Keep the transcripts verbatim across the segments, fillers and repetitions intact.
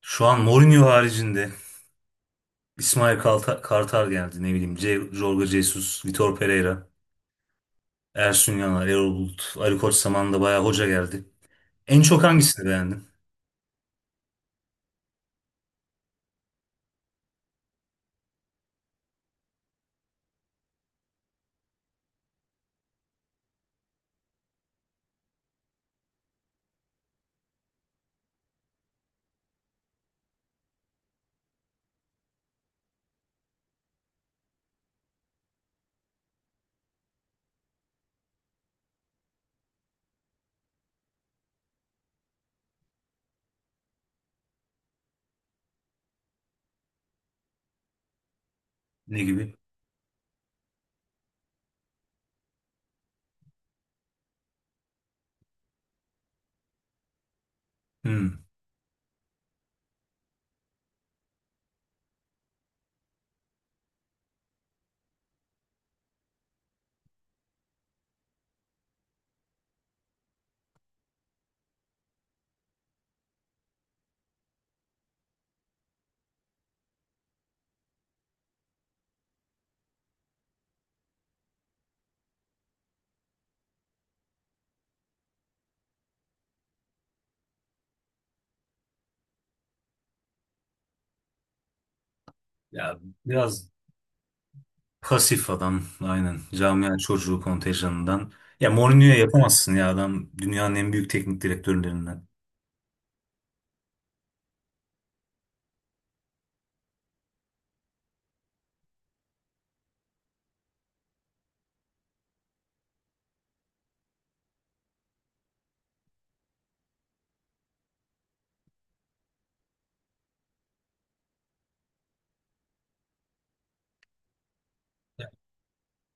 Şu an Mourinho haricinde İsmail Kalta- Kartal geldi. Ne bileyim C Jorge Jesus, Vitor Pereira, Ersun Yanal, Erol Bulut, Ali Koç zamanında bayağı hoca geldi. En çok hangisini beğendin? Ne gibi? Hmm. Ya biraz pasif adam aynen. Camia çocuğu kontenjanından. Ya Mourinho'ya yapamazsın ya adam dünyanın en büyük teknik direktörlerinden.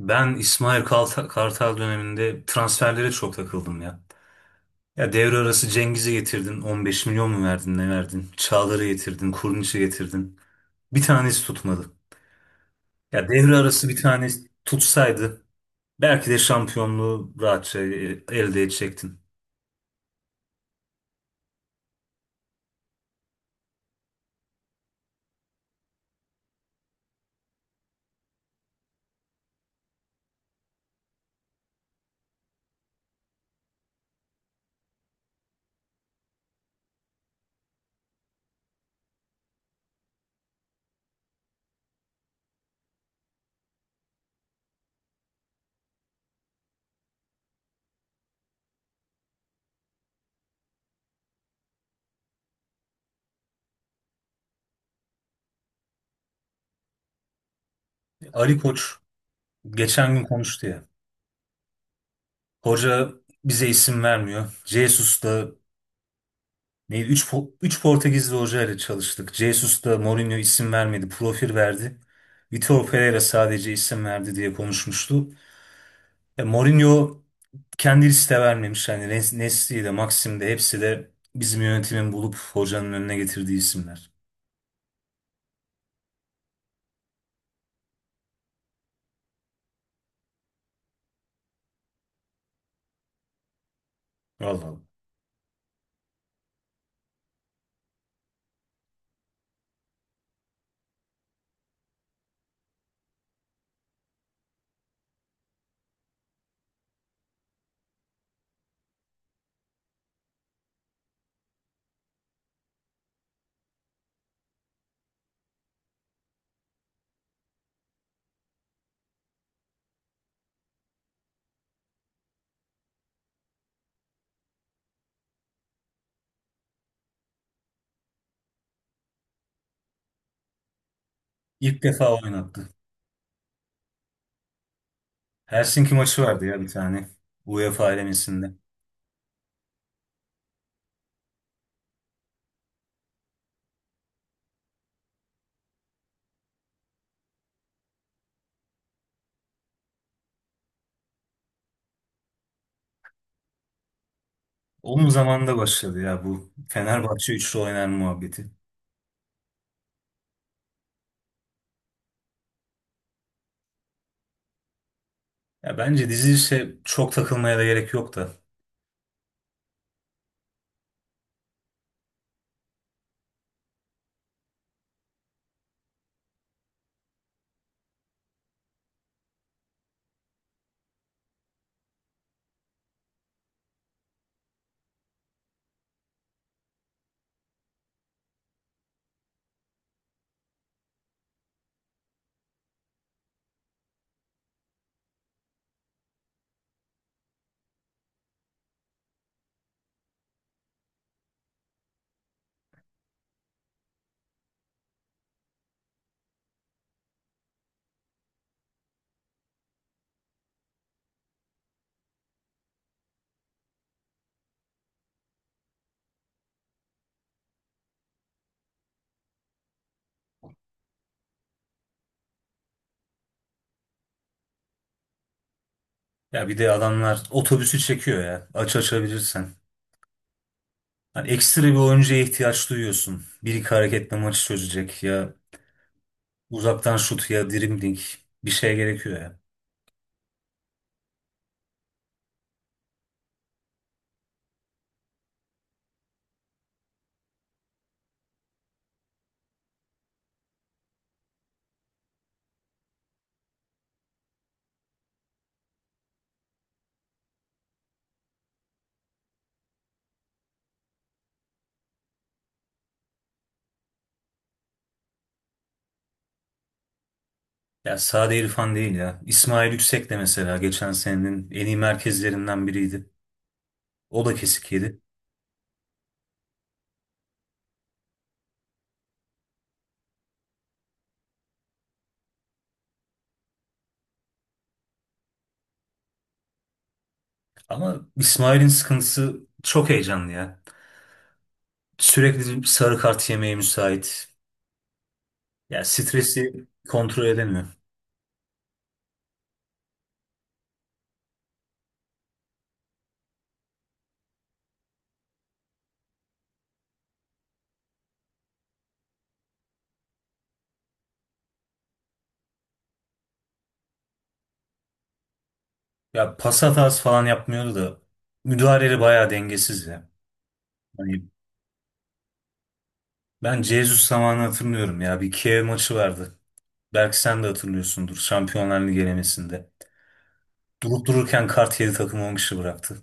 Ben İsmail Kalta- Kartal döneminde transferlere çok takıldım ya. Ya devre arası Cengiz'i getirdin. on beş milyon mu verdin ne verdin? Çağlar'ı getirdin. Kurniç'i getirdin. Bir tanesi tutmadı. Ya devre arası bir tanesi tutsaydı belki de şampiyonluğu rahatça e, elde edecektin. Ali Koç geçen gün konuştu ya. Hoca bize isim vermiyor. Jesus da ne 3 3 Portekizli hoca ile çalıştık. Jesus da Mourinho isim vermedi, profil verdi. Vitor Pereira sadece isim verdi diye konuşmuştu. Ya Mourinho kendisi de vermemiş. Yani Res- Nesli'yi de Maxim de hepsi de bizim yönetimin bulup hocanın önüne getirdiği isimler. Vallahi. İlk defa oynattı. Helsinki maçı vardı ya bir tane. UEFA elemesinde. Onun zamanında başladı ya bu Fenerbahçe üçlü oynar muhabbeti. Ya bence dizi ise çok takılmaya da gerek yok da. Ya bir de adamlar otobüsü çekiyor ya. Aç açabilirsen. Hani ekstra bir oyuncuya ihtiyaç duyuyorsun. Bir iki hareketle maçı çözecek ya uzaktan şut ya dribbling bir şey gerekiyor ya. Ya Sade İrfan değil ya. İsmail Yüksek de mesela geçen senenin en iyi merkezlerinden biriydi. O da kesik yedi. Ama İsmail'in sıkıntısı çok heyecanlı ya. Sürekli bir sarı kart yemeye müsait. Ya stresi kontrol edemiyor. Ya pas hatası falan yapmıyordu da müdahaleleri bayağı dengesiz ya. Hani ben Jesus zamanı hatırlıyorum ya. Bir Kiev maçı vardı. Belki sen de hatırlıyorsundur Şampiyonlar Ligi elemesinde. Durup dururken kart yedi takımı on kişi bıraktı.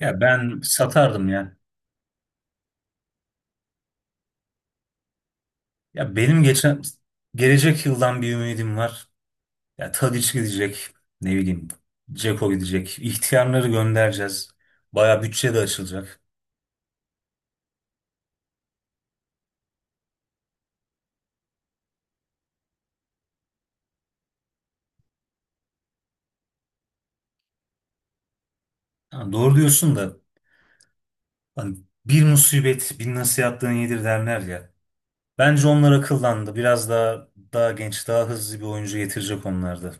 Ya ben satardım ya. Ya benim geçen gelecek yıldan bir ümidim var. Ya Tadiç gidecek, ne bileyim, Dzeko gidecek. İhtiyarları göndereceğiz. Baya bütçe de açılacak. Ha, doğru diyorsun da hani bir musibet bin nasihatten iyidir derler ya. Bence onlar akıllandı. Biraz daha daha genç, daha hızlı bir oyuncu getirecek onlarda.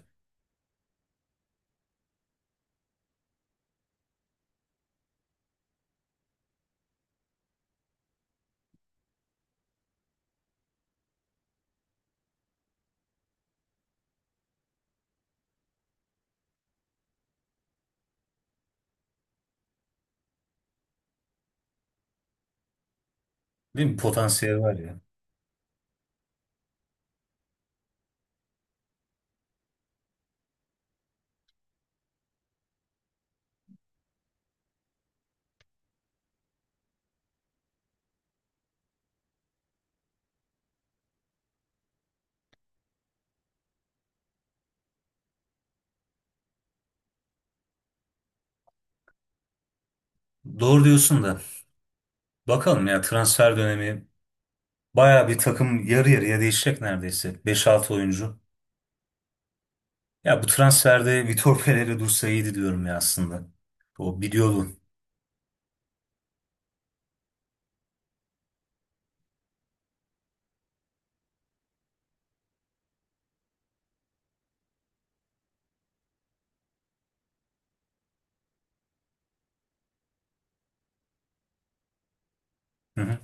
Değil mi? Potansiyel var ya. Doğru diyorsun da bakalım ya transfer dönemi baya bir takım yarı yarıya değişecek neredeyse. Beş altı oyuncu. Ya bu transferde Vitor Pereira dursa iyiydi diyorum ya aslında. O biliyordu. Hı hı.